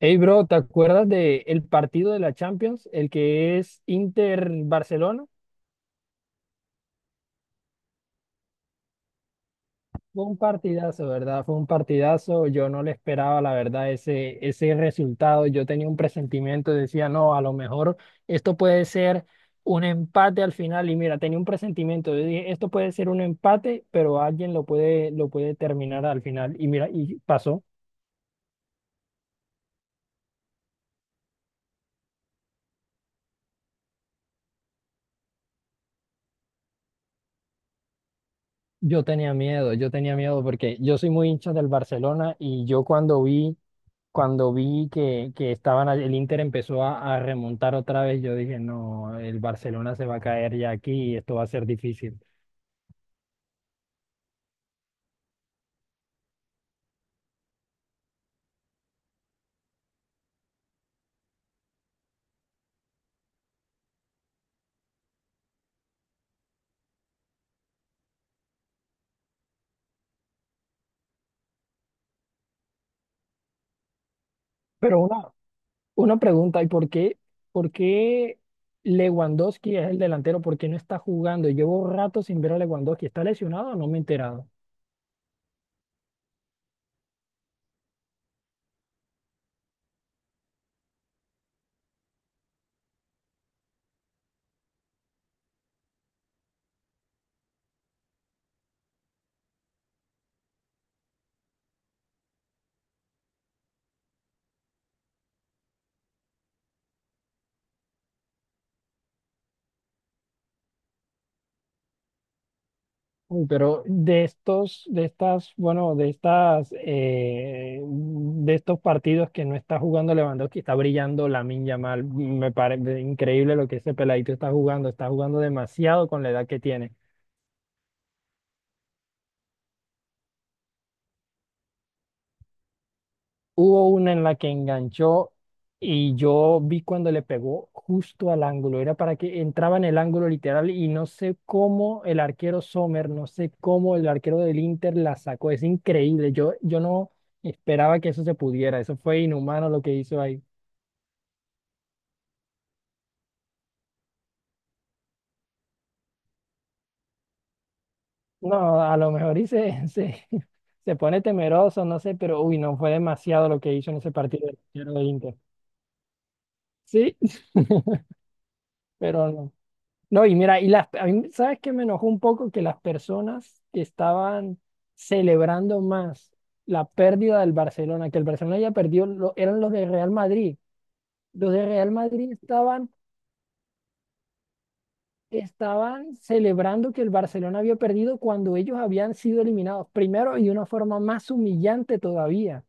Hey, bro, ¿te acuerdas de el partido de la Champions? El que es Inter-Barcelona. Fue un partidazo, ¿verdad? Fue un partidazo. Yo no le esperaba, la verdad, ese resultado. Yo tenía un presentimiento, decía, no, a lo mejor esto puede ser un empate al final. Y mira, tenía un presentimiento. Yo dije, esto puede ser un empate, pero alguien lo puede terminar al final. Y mira, y pasó. Yo tenía miedo porque yo soy muy hincha del Barcelona y yo cuando vi que, estaban, el Inter empezó a remontar otra vez, yo dije, no, el Barcelona se va a caer ya aquí y esto va a ser difícil. Pero una pregunta, ¿y por qué Lewandowski es el delantero? ¿Por qué no está jugando? Llevo rato sin ver a Lewandowski. ¿Está lesionado o no me he enterado? Uy, pero de estos, de estas, bueno, de estas, de estos partidos que no está jugando Lewandowski, está brillando Lamine Yamal. Me parece increíble lo que ese peladito está jugando. Está jugando demasiado con la edad que tiene. Hubo una en la que enganchó y yo vi cuando le pegó justo al ángulo. Era para que entraba en el ángulo literal y no sé cómo el arquero Sommer, no sé cómo el arquero del Inter la sacó. Es increíble. Yo no esperaba que eso se pudiera. Eso fue inhumano lo que hizo ahí. No, a lo mejor se pone temeroso, no sé, pero uy, no fue demasiado lo que hizo en ese partido el arquero del Inter. Sí, pero no. No, y mira, y las, a mí, ¿sabes qué me enojó un poco? Que las personas que estaban celebrando más la pérdida del Barcelona, que el Barcelona haya perdido, eran los de Real Madrid. Los de Real Madrid estaban, estaban celebrando que el Barcelona había perdido cuando ellos habían sido eliminados primero y de una forma más humillante todavía.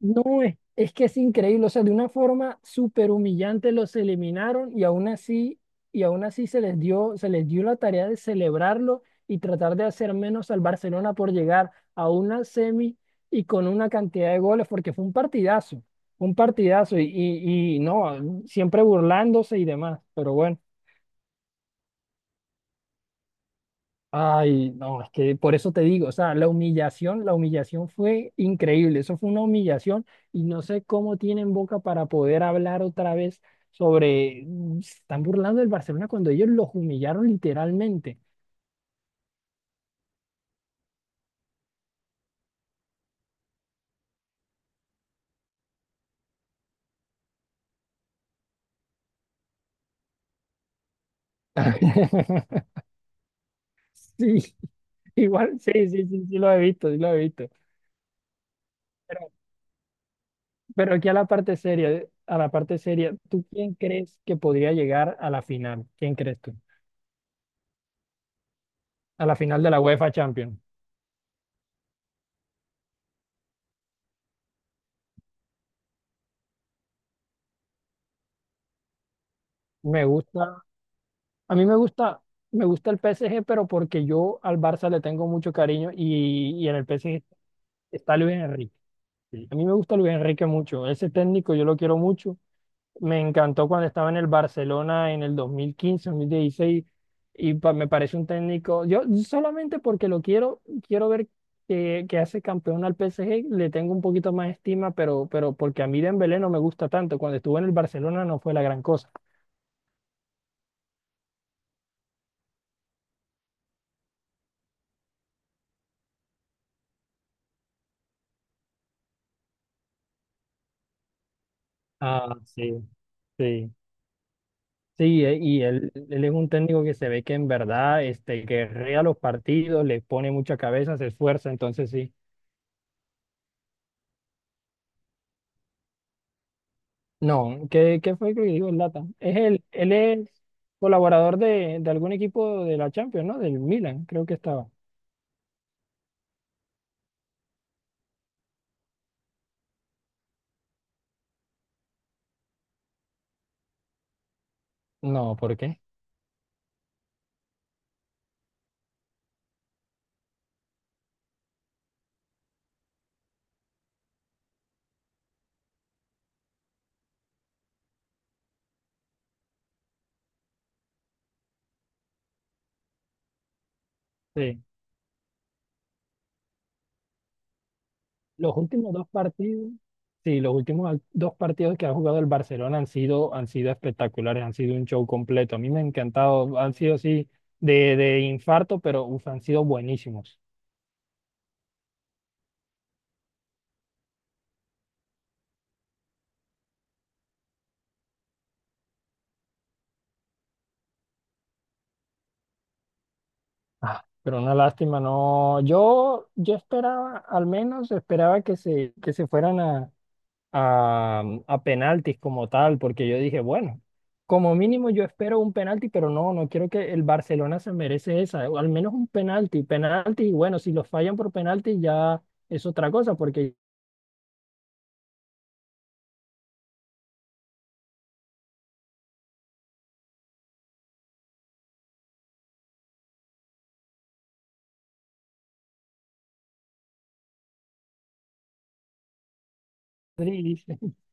No, es que es increíble, o sea, de una forma súper humillante los eliminaron y aún así, se les dio la tarea de celebrarlo y tratar de hacer menos al Barcelona por llegar a una semi y con una cantidad de goles, porque fue un partidazo y no, siempre burlándose y demás, pero bueno. Ay, no, es que por eso te digo, o sea, la humillación fue increíble, eso fue una humillación y no sé cómo tienen boca para poder hablar otra vez sobre, se están burlando del Barcelona cuando ellos los humillaron literalmente. Sí, igual, sí, lo he visto, sí lo he visto. Pero, pero aquí a la parte seria, a la parte seria, ¿tú quién crees que podría llegar a la final? ¿Quién crees tú? A la final de la UEFA Champions. Me gusta. A mí me gusta el PSG, pero porque yo al Barça le tengo mucho cariño y en el PSG está Luis Enrique. Sí. A mí me gusta Luis Enrique mucho. Ese técnico yo lo quiero mucho. Me encantó cuando estaba en el Barcelona en el 2015, 2016 y me parece un técnico. Yo solamente porque lo quiero, quiero ver que hace campeón al PSG, le tengo un poquito más estima, pero porque a mí Dembélé no me gusta tanto. Cuando estuvo en el Barcelona no fue la gran cosa. Ah, sí, sí. Sí, y él es un técnico que se ve que en verdad este, guerrea los partidos, le pone mucha cabeza, se esfuerza, entonces sí. No, ¿qué, qué fue que dijo el Lata? Es él, él es colaborador de algún equipo de la Champions, ¿no? Del Milan, creo que estaba. No, ¿por qué? Sí. Los últimos dos partidos, sí, los últimos dos partidos que ha jugado el Barcelona han sido espectaculares, han sido un show completo. A mí me ha encantado, han sido así de infarto, pero uf, han sido buenísimos. Ah, pero una lástima, no. Yo esperaba, al menos esperaba que se fueran a penaltis como tal, porque yo dije, bueno, como mínimo yo espero un penalti, pero no, no quiero que el Barcelona se merece esa, o al menos un penalti, penalti, y bueno, si los fallan por penalti ya es otra cosa, porque dicen-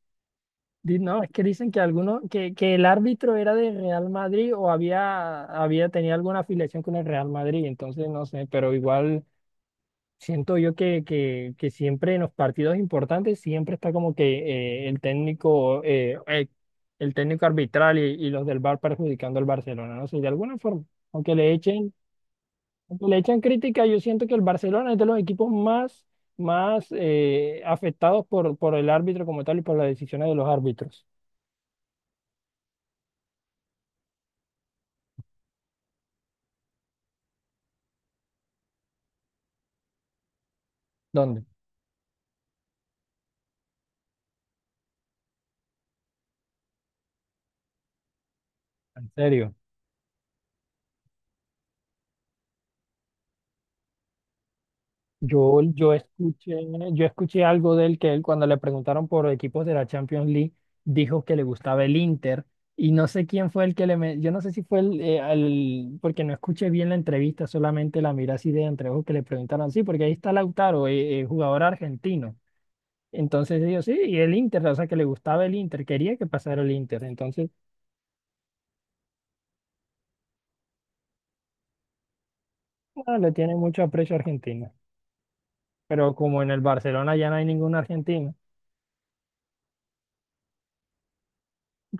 no, es que dicen que alguno, que el árbitro era de Real Madrid o había, había, tenía alguna afiliación con el Real Madrid, entonces no sé, pero igual. Siento yo que siempre en los partidos importantes siempre está como que el técnico arbitral y los del VAR perjudicando al Barcelona, no sé, de alguna forma, aunque le echen, aunque le echen crítica, yo siento que el Barcelona es de los equipos más, más afectados por el árbitro como tal y por las decisiones de los árbitros. ¿Dónde? En serio. Yo, yo escuché, yo escuché algo de él que él cuando le preguntaron por equipos de la Champions League dijo que le gustaba el Inter y no sé quién fue el que yo no sé si fue porque no escuché bien la entrevista, solamente la miré así de entreojos que le preguntaron, sí, porque ahí está Lautaro, jugador argentino. Entonces dijo, sí, y el Inter, o sea que le gustaba el Inter, quería que pasara el Inter, entonces ah, le tiene mucho aprecio a Argentina, pero como en el Barcelona ya no hay ningún argentino.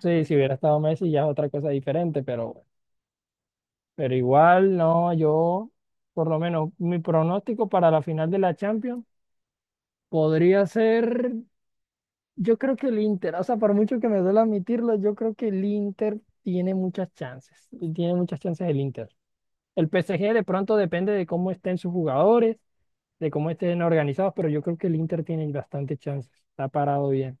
Sí, si hubiera estado Messi ya es otra cosa diferente, pero igual, no, yo, por lo menos, mi pronóstico para la final de la Champions podría ser, yo creo que el Inter, o sea, por mucho que me duele admitirlo, yo creo que el Inter tiene muchas chances, y tiene muchas chances el Inter. El PSG de pronto depende de cómo estén sus jugadores, de cómo estén organizados, pero yo creo que el Inter tiene bastantes chances, está parado bien.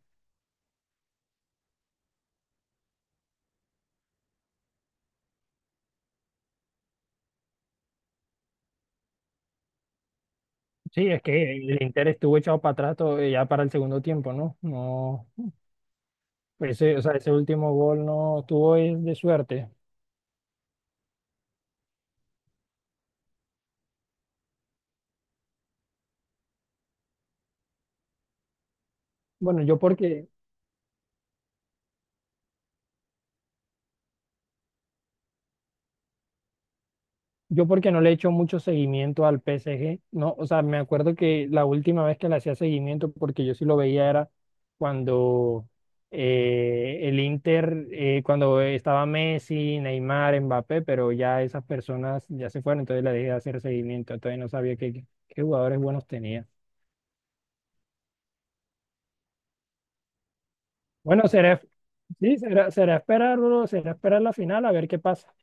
Sí, es que el Inter estuvo echado para atrás ya para el segundo tiempo, ¿no? No, ese, o sea, ese último gol no tuvo es de suerte. Bueno, yo porque no le he hecho mucho seguimiento al PSG, no, o sea, me acuerdo que la última vez que le hacía seguimiento, porque yo sí lo veía era cuando cuando estaba Messi, Neymar, Mbappé, pero ya esas personas ya se fueron, entonces le dejé de hacer seguimiento, entonces no sabía qué, qué jugadores buenos tenía. Bueno, será, sí, será, será esperarlo, será esperar la final a ver qué pasa.